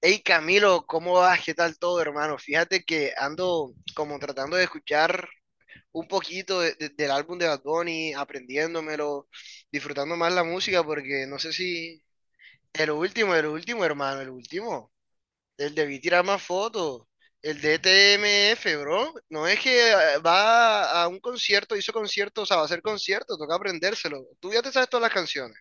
Hey Camilo, ¿cómo vas? ¿Qué tal todo, hermano? Fíjate que ando como tratando de escuchar un poquito del álbum de Bad Bunny, aprendiéndomelo, disfrutando más la música, porque no sé si el último, el último, hermano, el último, el de Vi tirar más fotos, el de TMF, bro. No es que va a un concierto, hizo concierto, o sea, va a hacer concierto, toca aprendérselo. Tú ya te sabes todas las canciones.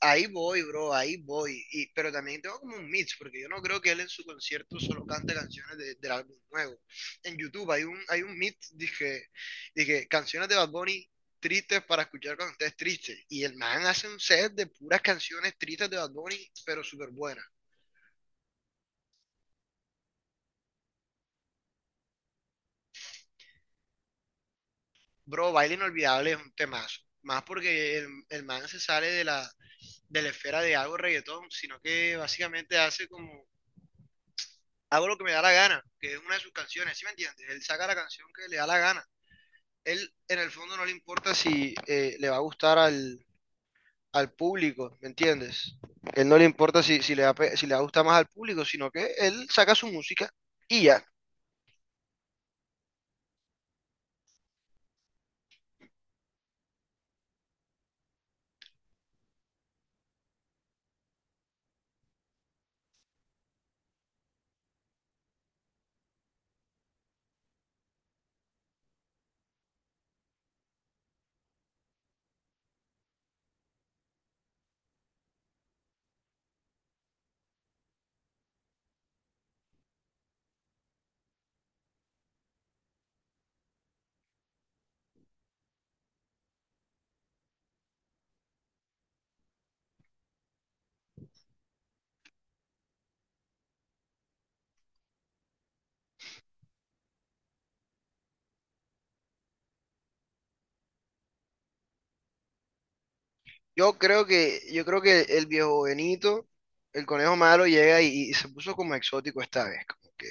Ahí voy, bro, ahí voy. Pero también tengo como un mix, porque yo no creo que él en su concierto solo cante canciones de, del álbum nuevo. En YouTube hay un mix, dije, canciones de Bad Bunny tristes para escuchar cuando estés triste. Y el man hace un set de puras canciones tristes de Bad Bunny, pero súper buenas. Bro, Baile Inolvidable es un temazo. Más porque el man se sale de la esfera de algo reggaetón, sino que básicamente hace como hago lo que me da la gana, que es una de sus canciones, ¿sí me entiendes? Él saca la canción que le da la gana. Él en el fondo no le importa si le va a gustar al, al público, ¿me entiendes? Él no le importa si, si le va, si le va a gustar más al público, sino que él saca su música y ya. Yo creo que el viejo Benito, el conejo malo, llega y se puso como exótico esta vez. Como que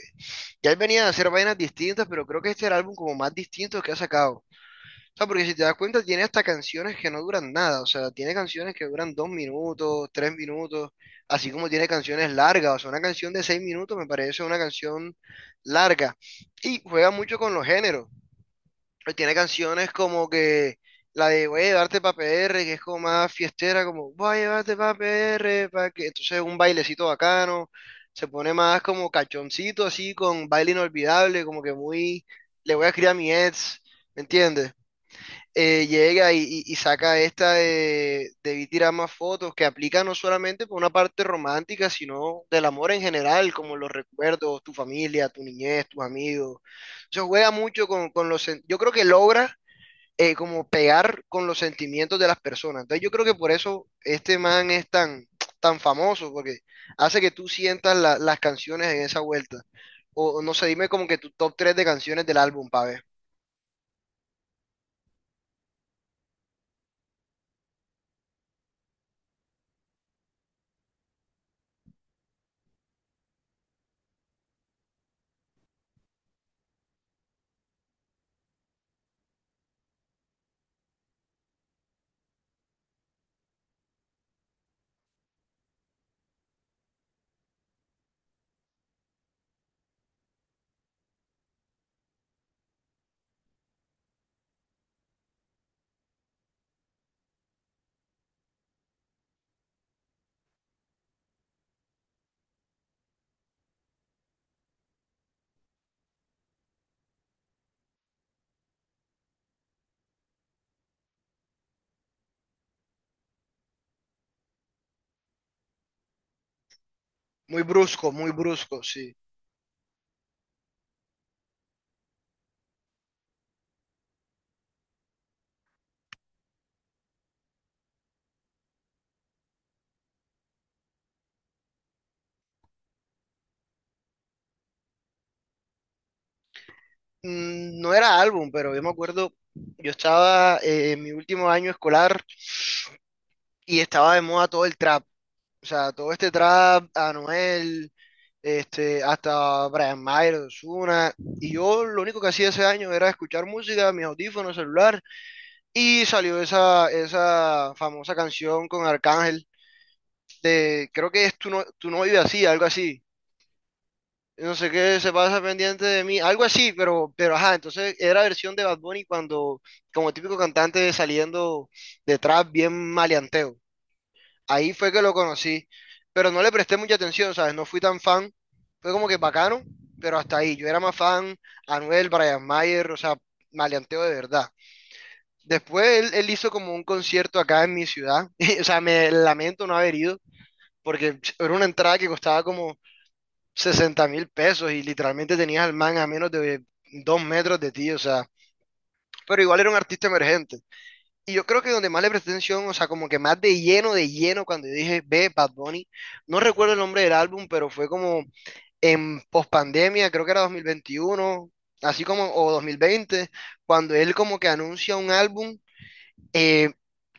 ya él venía a hacer vainas distintas, pero creo que este era el álbum como más distinto que ha sacado. O sea, porque si te das cuenta, tiene hasta canciones que no duran nada. O sea, tiene canciones que duran 2 minutos, 3 minutos, así como tiene canciones largas. O sea, una canción de 6 minutos me parece una canción larga. Y juega mucho con los géneros. Tiene canciones como que la de Voy a llevarte pa' PR. Que es como más fiestera, como Voy a llevarte pa' P R. pa' que... Entonces un bailecito bacano. Se pone más como cachoncito, así, con baile inolvidable, como que muy... Le voy a escribir a mi ex, ¿me entiendes? Llega y, y saca esta de debí tirar más fotos, que aplica no solamente por una parte romántica, sino del amor en general, como los recuerdos, tu familia, tu niñez, tus amigos. Se juega mucho con los... Yo creo que logra como pegar con los sentimientos de las personas. Entonces yo creo que por eso este man es tan, tan famoso, porque hace que tú sientas las canciones en esa vuelta. O no sé, dime como que tu top 3 de canciones del álbum, pa' ver. Muy brusco, sí. No era álbum, pero yo me acuerdo, yo estaba en mi último año escolar y estaba de moda todo el trap. O sea, todo este trap, Anuel, este, hasta Brian Mayer, Ozuna. Y yo lo único que hacía ese año era escuchar música, mis audífonos, celular. Y salió esa famosa canción con Arcángel de, creo que es tú no vives así, algo así. No sé qué se pasa pendiente de mí, algo así, pero ajá, entonces era versión de Bad Bunny cuando, como típico cantante saliendo de trap bien maleanteo. Ahí fue que lo conocí, pero no le presté mucha atención, ¿sabes? No fui tan fan, fue como que bacano, pero hasta ahí. Yo era más fan Anuel, Brian Mayer, o sea, maleanteo de verdad. Después él hizo como un concierto acá en mi ciudad, o sea, me lamento no haber ido, porque era una entrada que costaba como 60.000 pesos y literalmente tenías al man a menos de 2 metros de ti, o sea, pero igual era un artista emergente. Y yo creo que donde más le presté atención, o sea, como que más de lleno, cuando yo dije, ve, Bad Bunny, no recuerdo el nombre del álbum, pero fue como en pospandemia, creo que era 2021 así como, o 2020 cuando él como que anuncia un álbum eh,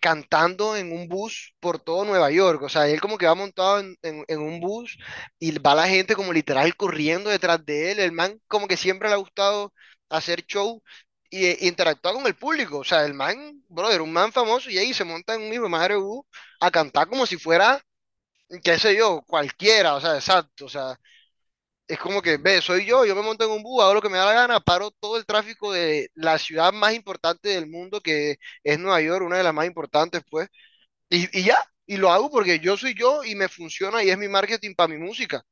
cantando en un bus por todo Nueva York. O sea, él como que va montado en un bus y va la gente como literal corriendo detrás de él. El man como que siempre le ha gustado hacer show y interactuar con el público. O sea, el man, brother, un man famoso y ahí se monta en un hijo de madre bus a cantar como si fuera, qué sé yo, cualquiera. O sea, exacto. O sea, es como que, ve, soy yo, yo me monto en un bus, hago lo que me da la gana, paro todo el tráfico de la ciudad más importante del mundo, que es Nueva York, una de las más importantes, pues, y ya, y lo hago porque yo soy yo y me funciona y es mi marketing para mi música.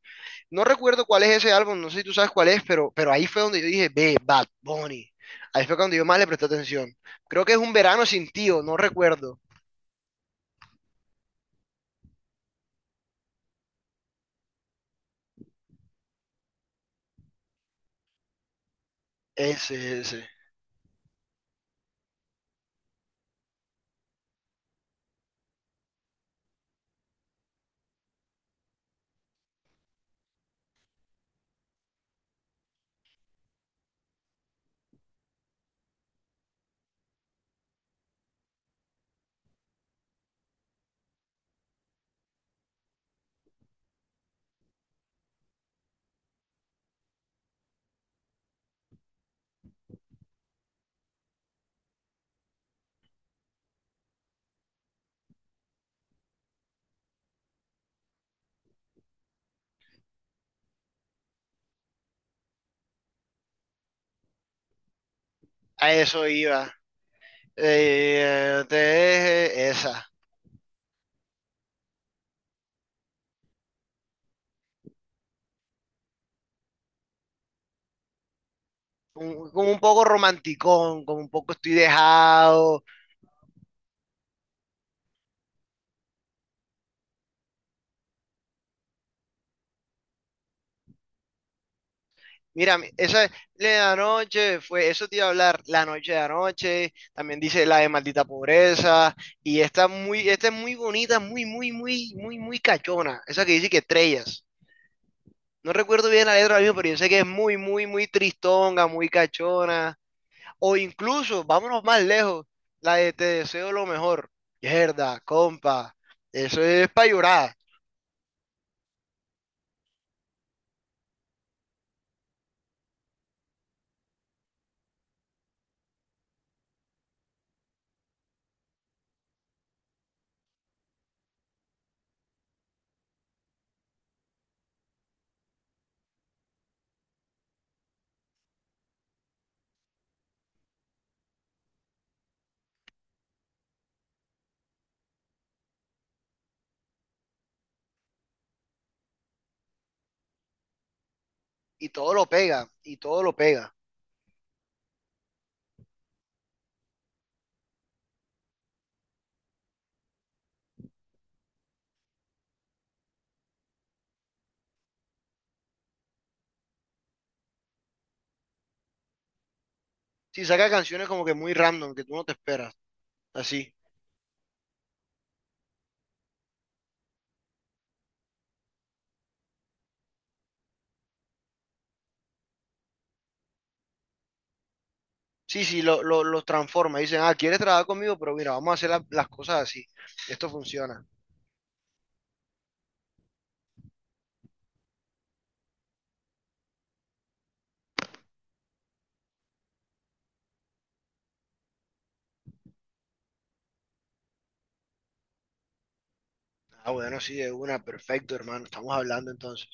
No recuerdo cuál es ese álbum, no sé si tú sabes cuál es, pero ahí fue donde yo dije, ve, Bad Bunny. Ahí fue cuando yo más le presté atención. Creo que es un verano sin tío, no recuerdo. Ese, ese. A eso iba. Esa. Como, como un poco romanticón, como un poco estoy dejado. Mira, esa es la de anoche, fue, eso te iba a hablar, la noche de anoche, también dice la de maldita pobreza, y esta muy, esta es muy bonita, muy, muy, muy, muy, muy cachona, esa que dice que estrellas. No recuerdo bien la letra ahora mismo, pero yo sé que es muy, muy, muy tristonga, muy cachona. O incluso, vámonos más lejos, la de te deseo lo mejor. Mierda, compa, eso es para llorar. Y todo lo pega, y todo lo pega. Sí, saca canciones como que muy random, que tú no te esperas, así. Sí, sí, los transforma. Dicen, ah, ¿quieres trabajar conmigo? Pero mira, vamos a hacer las cosas así. Esto funciona. Ah, bueno, sí, de una, perfecto, hermano. Estamos hablando entonces.